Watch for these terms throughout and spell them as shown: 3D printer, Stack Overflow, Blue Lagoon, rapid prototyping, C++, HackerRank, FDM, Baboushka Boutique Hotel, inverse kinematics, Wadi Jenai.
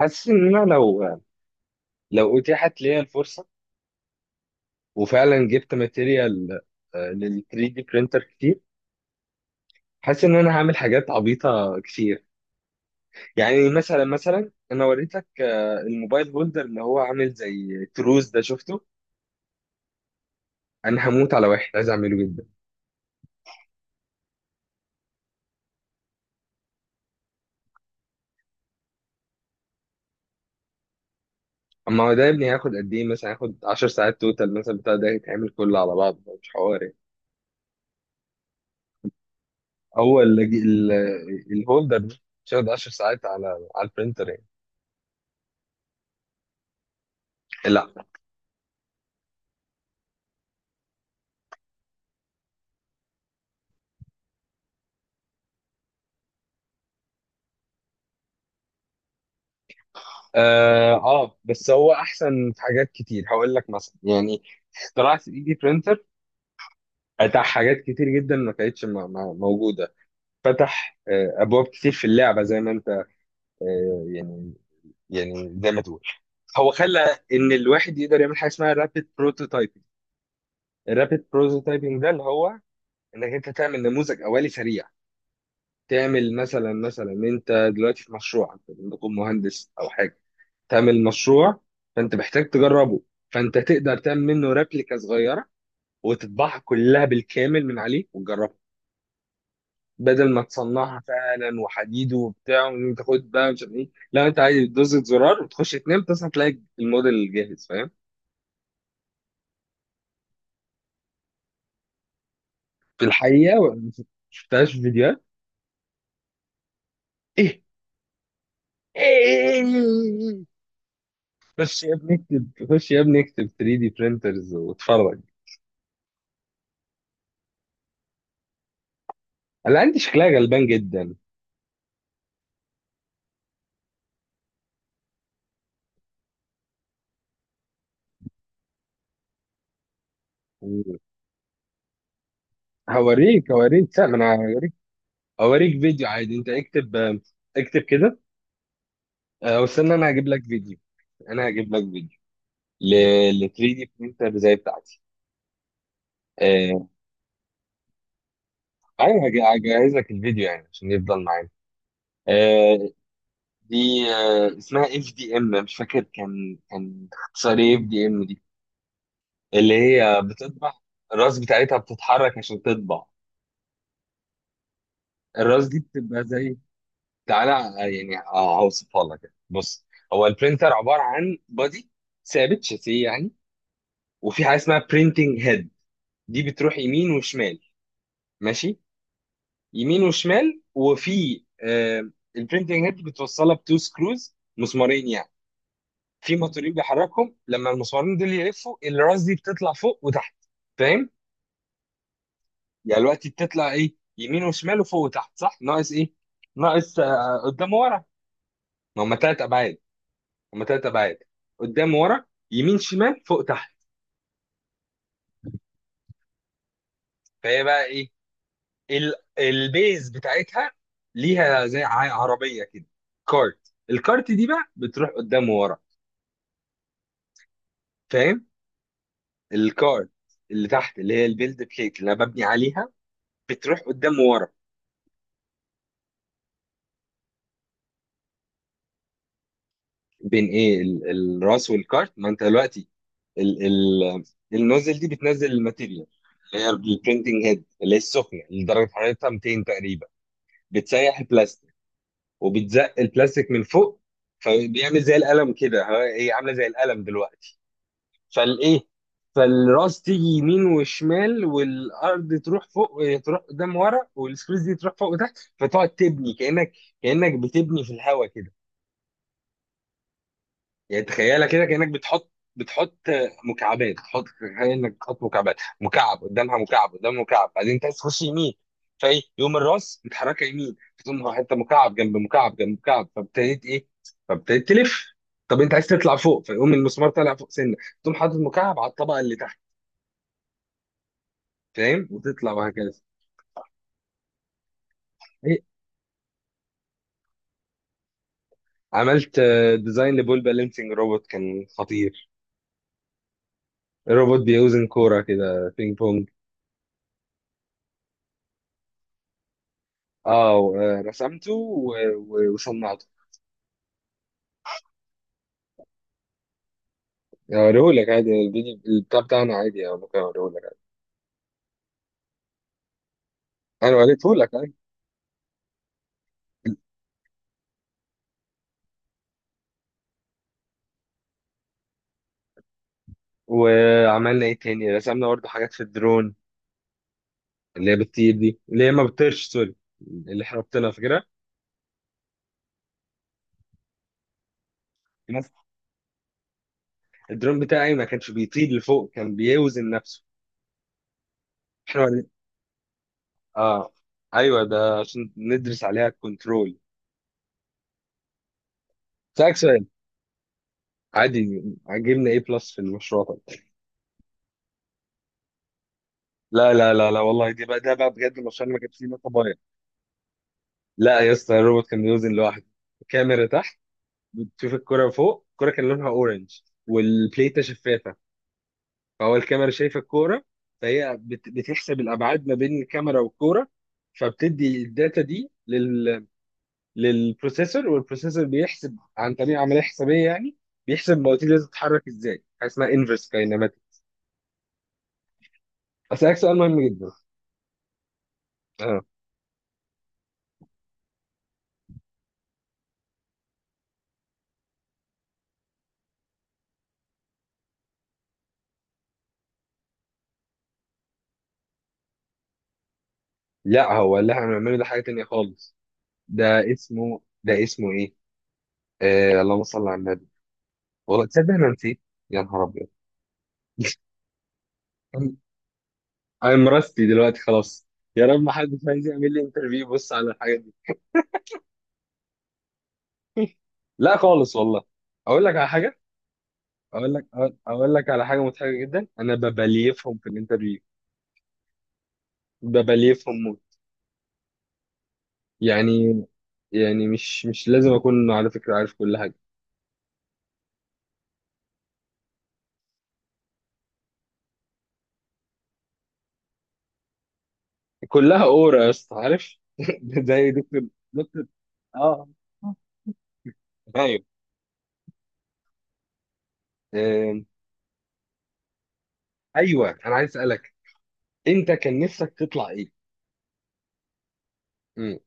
حاسس ان انا لو اتيحت ليا الفرصه، وفعلا جبت ماتيريال لل 3 دي برينتر كتير. حاسس ان انا هعمل حاجات عبيطه كتير. يعني مثلا انا وريتك الموبايل هولدر اللي هو عامل زي تروز ده، شفته. انا هموت على واحد عايز اعمله جدا. اما هو ده يا ابني هياخد قد ايه؟ مثلا هياخد 10 ساعات توتال مثلا، بتاع ده يتعمل كله على بعض، مش حوار يعني. هو الهولدر ده مش هياخد 10 ساعات على على البرينتر يعني. لا. اه، بس هو احسن في حاجات كتير. هقول لك مثلا يعني، اختراع 3 دي برينتر فتح حاجات كتير جدا ما كانتش موجوده. فتح ابواب كتير في اللعبه. زي ما انت، يعني، يعني زي ما تقول، هو خلى ان الواحد يقدر يعمل حاجه اسمها رابيد بروتوتايبنج. الرابيد بروتوتايبنج ده اللي هو انك انت تعمل نموذج اولي سريع. تعمل مثلا انت دلوقتي في مشروع، انت ممكن مهندس او حاجه، تعمل مشروع، فانت محتاج تجربه، فانت تقدر تعمل منه ريبليكا صغيره وتطبعها كلها بالكامل من عليه وتجربها، بدل ما تصنعها فعلا وحديد وبتاع وتاخد بقى مش عارف ايه. لا انت عادي بتدوس زرار وتخش تنام، تصحى تلاقي الموديل جاهز. فاهم؟ في الحقيقه ما شفتهاش في فيديوهات. ايه؟ ايه؟ خش يا ابني اكتب، خش يا ابني اكتب 3 دي برينترز واتفرج. انا عندي شكلها غلبان جدا. هوريك لا ما انا اوريك فيديو عادي. انت اكتب، اكتب كده. واستنى انا هجيب لك فيديو. انا هجيب لك فيديو ل 3 دي برينتر زي بتاعتي. آه، ايوه، هجهز لك الفيديو يعني عشان يفضل معانا. آه. دي اسمها اف دي ام. مش فاكر كان اختصار ايه اف دي ام دي. اللي هي بتطبع. الراس بتاعتها بتتحرك عشان تطبع. الراس دي بتبقى زي، تعالى يعني هوصفها لك، بص. هو البرينتر عبارة عن بادي ثابت، شاسيه يعني. وفي حاجه اسمها برينتنج هيد، دي بتروح يمين وشمال. ماشي؟ يمين وشمال. وفي البرينتنج هيد بتوصلها بتو سكروز، مسمارين يعني. في موتورين بيحركهم. لما المسمارين دول يلفوا الراس دي بتطلع فوق وتحت. فاهم؟ يعني دلوقتي بتطلع ايه؟ يمين وشمال وفوق وتحت، صح؟ ناقص ايه؟ ناقص قدام ورا. ما هم ثلاث ابعاد. هم ثلاث ابعاد: قدام ورا، يمين شمال، فوق تحت. فهي بقى ايه، البيز بتاعتها ليها زي عربيه كده، كارت. الكارت دي بقى بتروح قدام وورا. فاهم؟ الكارت اللي تحت، اللي هي البيلد بليت اللي انا ببني عليها، بتروح قدام وورا. بين ايه؟ الراس والكارت. ما انت دلوقتي، ال ال النوزل دي بتنزل الماتيريال، اللي هي البرينتنج هيد اللي هي السخنه اللي درجه حرارتها 200 تقريبا، بتسيح البلاستيك وبتزق البلاستيك من فوق. فبيعمل زي القلم كده. هي عامله زي القلم دلوقتي. فالايه، فالراس تيجي يمين وشمال، والارض تروح فوق تروح قدام ورا، والسبيس دي تروح فوق وتحت. فتقعد تبني كانك، كانك بتبني في الهواء كده. يعني تخيلها كده، كانك بتحط مكعبات. تحط، تخيل انك بتحط مكعبات، مكعب قدامها مكعب قدام مكعب. بعدين انت عايز تخش يمين، فايه، يقوم الراس متحركه يمين، فتقوم حته مكعب جنب مكعب جنب مكعب، فابتديت ايه، فابتديت تلف. طب انت عايز تطلع فوق، فيقوم المسمار طالع فوق سنه، تقوم حاطط مكعب على الطبقه اللي تحت. فاهم؟ وتطلع وهكذا. إيه، عملت ديزاين لبول بالانسنج روبوت، كان خطير. الروبوت بيوزن كورة كده، بينج بونج. اه رسمته وصنعته. هوريهولك عادي الفيديو البتاع بتاعنا عادي، أو ممكن اوريهولك عادي. انا وريتهولك عادي. وعملنا ايه تاني؟ رسمنا برضه حاجات في الدرون، اللي هي بتطير دي، اللي هي ما بتطيرش، سوري، اللي احنا ربطنا فاكرها. الدرون بتاعي ما كانش بيطير لفوق، كان بيوزن نفسه. احنا، اه. ايوه، ده عشان ندرس عليها الكنترول. سألك سؤال: عادي عجبنا ايه بلس في المشروع طب؟ لا لا لا لا، والله دي بقى، ده بقى بجد المشروع اللي ما كانش فيه نقطه بايظه. لا يا اسطى، الروبوت كان بيوزن لوحده. الكاميرا تحت بتشوف الكرة فوق. الكرة كان لونها اورنج، والبليتة شفافة، فهو الكاميرا شايفة الكرة. فهي بتحسب الابعاد ما بين الكاميرا والكرة، فبتدي الداتا دي لل للبروسيسور، والبروسيسور بيحسب عن طريق عمليه حسابيه يعني، بيحسب المواتير دي بتتحرك ازاي. حاجه اسمها انفرس كاينماتيك. اسالك سؤال مهم جدا. اه. لا هو اللي احنا بنعمله ده حاجه تانيه خالص. ده اسمه ايه؟ آه، اللهم صل على النبي. والله تصدق انا نسيت. يا نهار ابيض، انا راستي دلوقتي خلاص. يا رب ما حد عايز يعمل لي انترفيو، بص على الحاجه دي. لا خالص والله. اقول لك على حاجه، اقول لك اقول أقول لك على حاجه مضحكه جدا: انا ببليفهم في الانترفيو. ببليفهم يعني، يعني مش لازم اكون على فكره عارف كل حاجه. كلها اورا يا اسطى، عارف؟ زي دكتور، دكتور. اه. ايوه. آم، ايوه انا عايز اسالك، انت كان نفسك تطلع ايه؟ مم.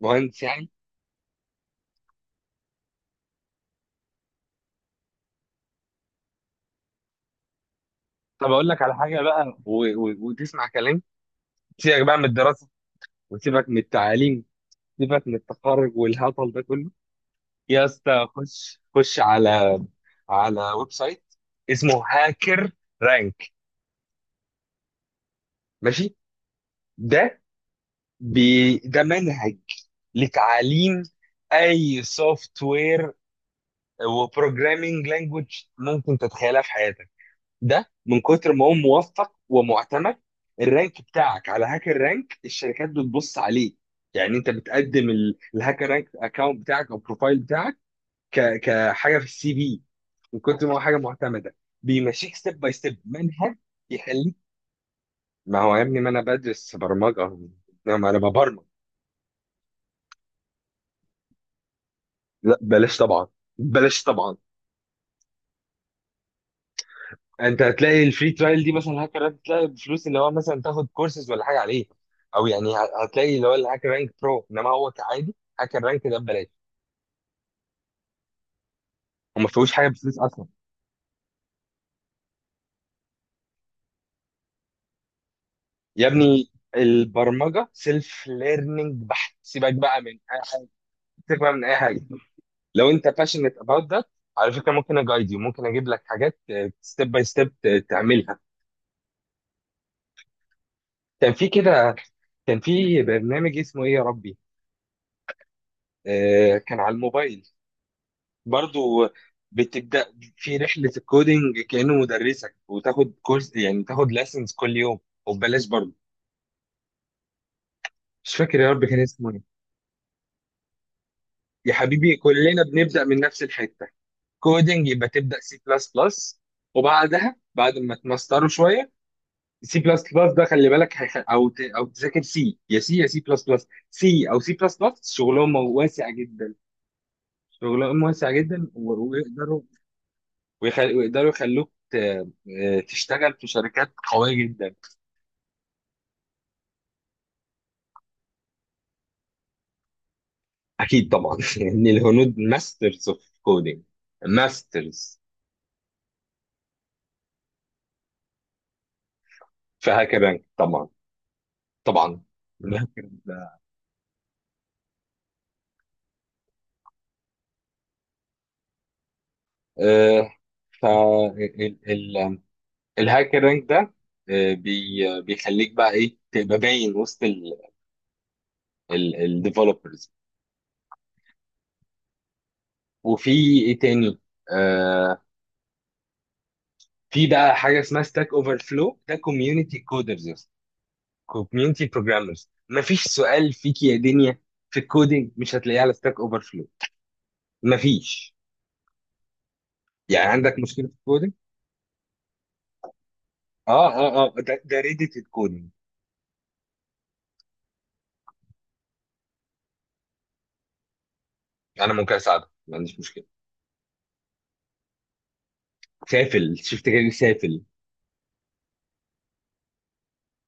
مهندس يعني؟ طب اقول لك على حاجه بقى وتسمع كلام. سيبك بقى من الدراسه، وسيبك من التعليم، سيبك من التخرج والهطل ده كله. يا اسطى خش على على ويب سايت اسمه هاكر رانك. ماشي؟ ده، بي ده منهج لتعليم اي سوفت وير وبروجرامينج لانجوج ممكن تتخيلها في حياتك. ده من كتر ما هو موفق ومعتمد، الرانك بتاعك على هاكر رانك الشركات بتبص عليه. يعني انت بتقدم الهاكر رانك اكونت بتاعك او بروفايل بتاعك كحاجه في السي في، من كتر ما هو حاجه معتمده. بيمشيك ستيب باي ستيب منهج يخليك. ما هو يا ابني، ما انا بدرس برمجه، ما انا ببرمج. لا بلاش طبعا، بلاش طبعا. انت هتلاقي الفري ترايل دي مثلا هاكر رانك، تلاقي بفلوس اللي هو مثلا تاخد كورسز ولا حاجه عليه، او يعني هتلاقي اللي هو الهاكر رانك برو، انما هو كعادي هاكر رانك ده ببلاش، وما فيهوش حاجه بفلوس اصلا. يا ابني البرمجه سيلف ليرنينج بحت، سيبك بقى من اي حاجه، سيبك بقى من اي حاجه. لو انت باشنت اباوت ده، على فكره ممكن اجايد يو، ممكن اجيب لك حاجات ستيب باي ستيب تعملها. كان في كده، كان في برنامج اسمه ايه يا ربي؟ كان على الموبايل برضو، بتبدأ في رحلة الكودينج كأنه مدرسك وتاخد كورس يعني، تاخد ليسنز كل يوم، وببلاش برضو. مش فاكر يا رب كان اسمه ايه. يا حبيبي كلنا بنبدأ من نفس الحتة. كودينج يبقى تبدأ سي بلس بلس، وبعدها بعد ما تمستروا شوية سي بلس بلس ده خلي بالك هيخ- او ت... او تذاكر سي، يا سي، يا سي بلس بلس. سي او سي بلس بلس شغلهم واسع جدا، شغلهم واسع جدا ويقدروا، ويقدروا يخلوك ت... آه، تشتغل في شركات قوية جدا. اكيد طبعا، ان الهنود ماسترز اوف كودينج، ماسترز. في هاكر رانك طبعا، طبعا. الهاكر ده، آه. ف الهاكر رانك ده، بي بيخليك بقى ايه، تبقى باين وسط الديفلوبرز. وفي ايه تاني، آه، في بقى حاجه اسمها ستاك اوفر فلو، ده كوميونتي كودرز، كوميونتي بروجرامرز. مفيش سؤال فيك يا دنيا في الكودينج مش هتلاقيه على ستاك اوفر فلو، مفيش. يعني عندك مشكله في الكودينج. اه اه اه، ده ده ريدت الكودينج. انا ممكن اساعدك، ما عنديش مشكله. سافل، شفت كده؟ سافل.